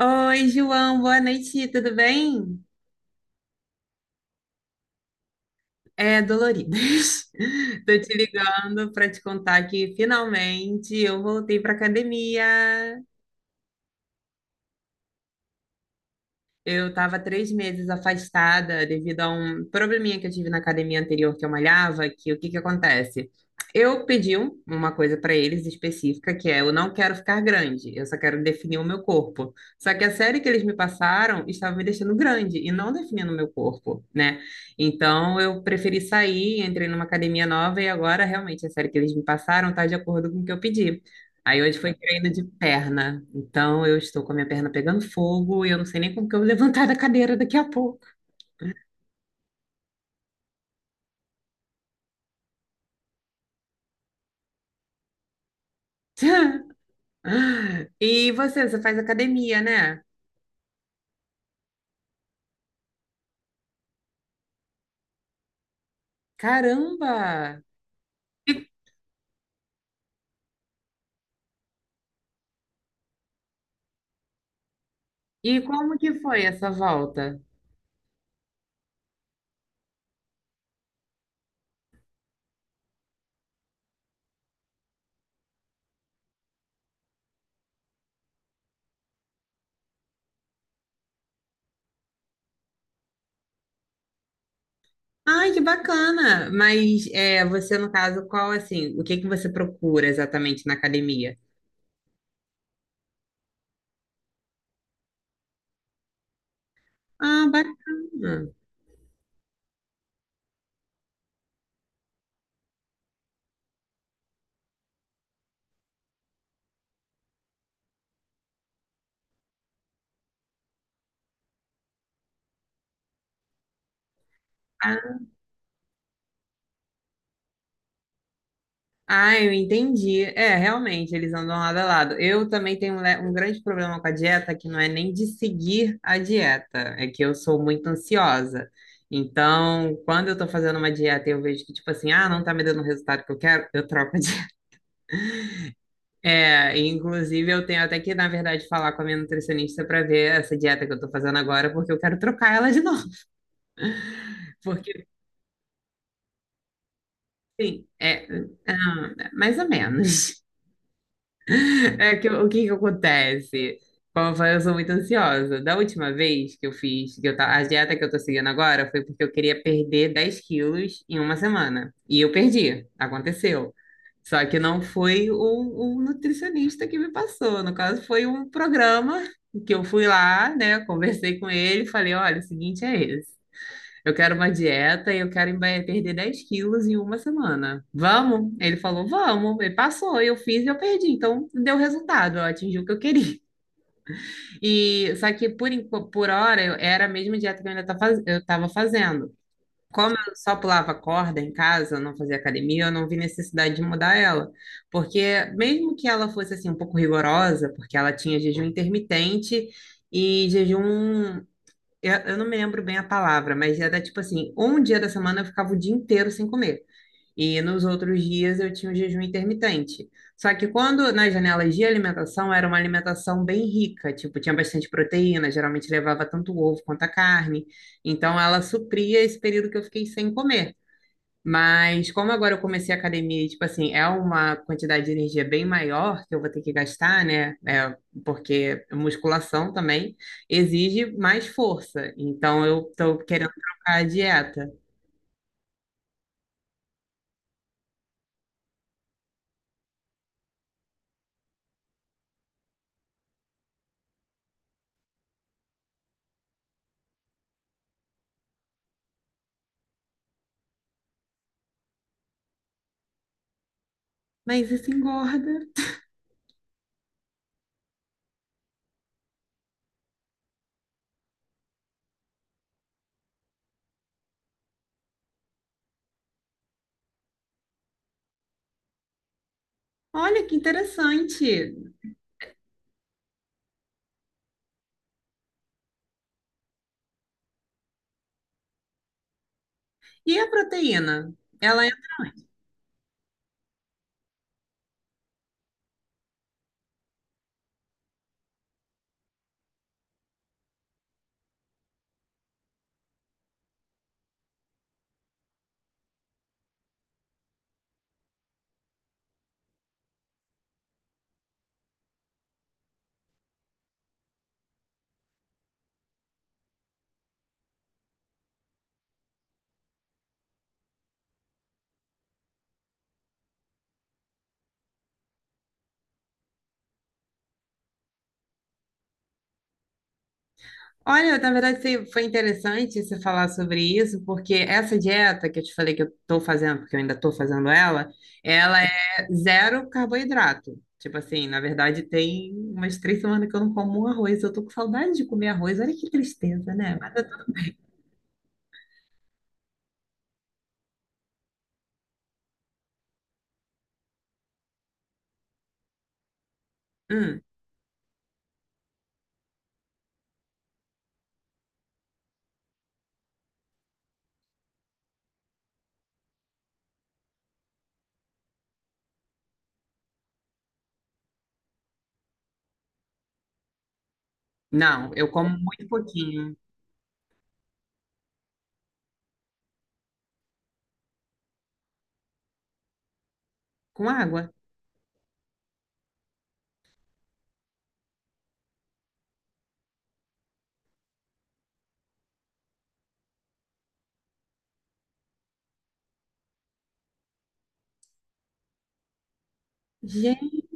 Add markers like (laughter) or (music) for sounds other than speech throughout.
Oi, João, boa noite, tudo bem? É, doloridas. (laughs) Tô te ligando para te contar que finalmente eu voltei para academia. Eu estava 3 meses afastada devido a um probleminha que eu tive na academia anterior que eu malhava, que o que que acontece? Eu pedi uma coisa para eles específica, que é eu não quero ficar grande, eu só quero definir o meu corpo. Só que a série que eles me passaram estava me deixando grande e não definindo o meu corpo, né? Então eu preferi sair, entrei numa academia nova e agora realmente a série que eles me passaram está de acordo com o que eu pedi. Aí hoje foi treino de perna. Então eu estou com a minha perna pegando fogo e eu não sei nem como que eu vou (laughs) levantar da cadeira daqui a pouco. (laughs) E você, você faz academia, né? Caramba! E, e como que foi essa volta? Ai, que bacana! Mas é, você, no caso, qual assim, o que que você procura exatamente na academia? Ah, bacana! Ah, eu entendi. É, realmente, eles andam lado a lado. Eu também tenho né, um grande problema com a dieta, que não é nem de seguir a dieta, é que eu sou muito ansiosa. Então, quando eu tô fazendo uma dieta e eu vejo que, tipo assim, ah, não tá me dando o resultado que eu quero, eu troco a dieta. (laughs) É, e, inclusive, eu tenho até que, na verdade, falar com a minha nutricionista para ver essa dieta que eu tô fazendo agora, porque eu quero trocar ela de novo. (laughs) Porque, assim, é, ah, mais ou menos. (laughs) É que, o que que acontece? Como eu falei, eu sou muito ansiosa. Da última vez que eu fiz, que a dieta que eu tô seguindo agora foi porque eu queria perder 10 quilos em uma semana. E eu perdi, aconteceu. Só que não foi o nutricionista que me passou. No caso, foi um programa que eu fui lá, né? Conversei com ele, falei, olha, o seguinte é esse. Eu quero uma dieta e eu quero perder 10 quilos em uma semana. Vamos? Ele falou, vamos. Ele passou, eu fiz e eu perdi. Então, deu resultado, eu atingi o que eu queria. (laughs) E só que por hora era a mesma dieta que eu ainda eu estava fazendo. Como eu só pulava corda em casa, não fazia academia, eu não vi necessidade de mudar ela. Porque mesmo que ela fosse assim um pouco rigorosa, porque ela tinha jejum intermitente e jejum eu não me lembro bem a palavra, mas era tipo assim, um dia da semana eu ficava o dia inteiro sem comer. E nos outros dias eu tinha o jejum intermitente. Só que quando nas janelas de alimentação era uma alimentação bem rica, tipo, tinha bastante proteína, geralmente levava tanto o ovo quanto a carne. Então ela supria esse período que eu fiquei sem comer. Mas como agora eu comecei a academia, e, tipo assim, é uma quantidade de energia bem maior que eu vou ter que gastar, né? É, porque musculação também exige mais força. Então eu tô querendo trocar a dieta. Mas isso engorda. Olha que interessante. E a proteína? Ela Olha, na verdade foi interessante você falar sobre isso, porque essa dieta que eu te falei que eu estou fazendo, porque eu ainda estou fazendo ela, ela é zero carboidrato. Tipo assim, na verdade tem umas três semanas que eu não como um arroz. Eu tô com saudade de comer arroz. Olha que tristeza, né? Mas tá tudo bem. Hum, não, eu como muito pouquinho. Com água. Gente,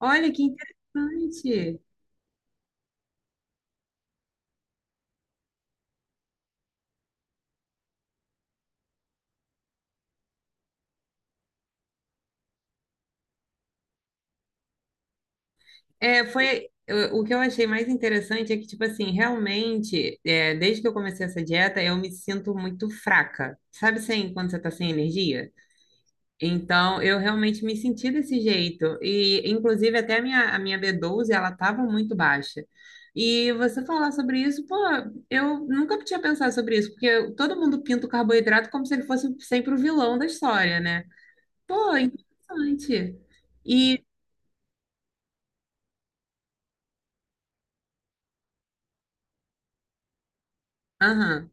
olha que interessante. É, foi o que eu achei mais interessante é que, tipo assim, realmente, é, desde que eu comecei essa dieta, eu me sinto muito fraca. Sabe assim, quando você tá sem energia? Então, eu realmente me senti desse jeito. E, inclusive, até a minha B12 ela tava muito baixa. E você falar sobre isso, pô, eu nunca tinha pensado sobre isso, porque todo mundo pinta o carboidrato como se ele fosse sempre o vilão da história, né? Pô, interessante. E, aham.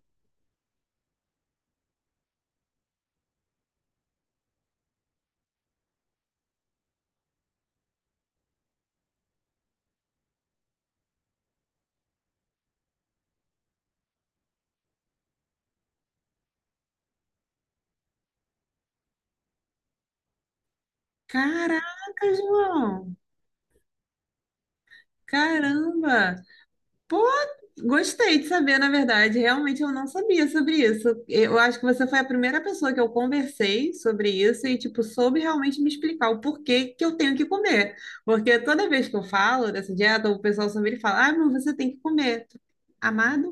Caraca, João! Caramba! Pô, gostei de saber, na verdade. Realmente eu não sabia sobre isso. Eu acho que você foi a primeira pessoa que eu conversei sobre isso e, tipo, soube realmente me explicar o porquê que eu tenho que comer. Porque toda vez que eu falo dessa dieta, o pessoal sempre fala: ah, mas você tem que comer. Amado?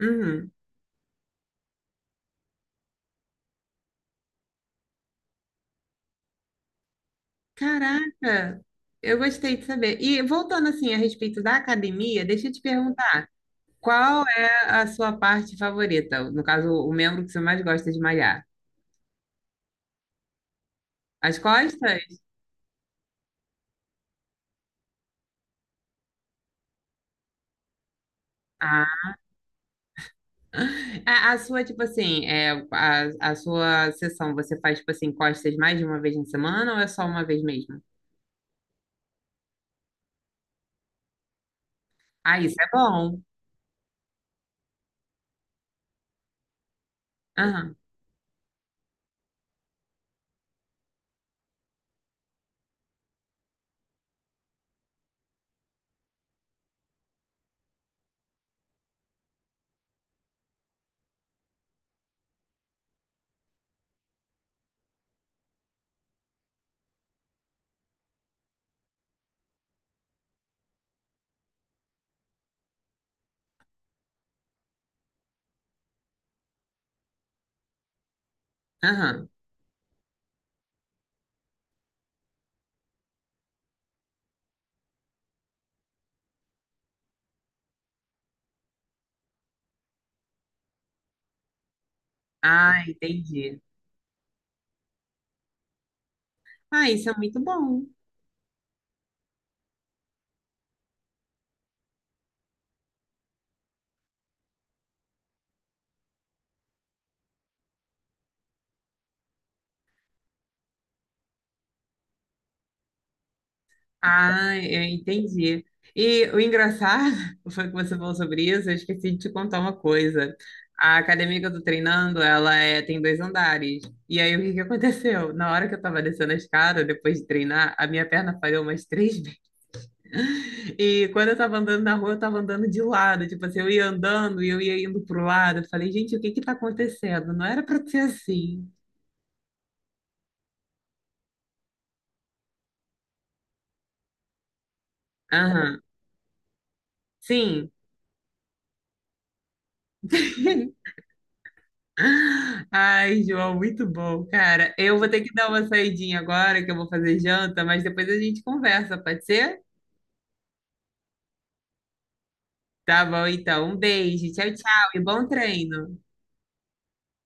Uhum. Caraca! Eu gostei de saber. E voltando assim a respeito da academia, deixa eu te perguntar, qual é a sua parte favorita? No caso, o membro que você mais gosta de malhar? As costas? Ah. A sua, tipo assim, é, a sua sessão, você faz, tipo assim, costas mais de uma vez na semana ou é só uma vez mesmo? Ah, isso é bom. Aham, aham. Ah, entendi. Ah, isso é muito bom. Ah, eu entendi. E o engraçado (laughs) foi que você falou sobre isso, eu esqueci de te contar uma coisa. A academia que eu tô treinando, ela é, tem dois andares. E aí, o que que aconteceu? Na hora que eu tava descendo a escada, depois de treinar, a minha perna falhou umas três E quando eu tava andando na rua, eu tava andando de lado, tipo assim, eu ia andando e eu ia indo pro lado. Eu falei, gente, o que que tá acontecendo? Não era pra ser assim. Aham. Sim. (laughs) Ai, João, muito bom, cara. Eu vou ter que dar uma saidinha agora, que eu vou fazer janta, mas depois a gente conversa, pode ser? Tá bom, então. Um beijo, tchau, tchau e bom treino.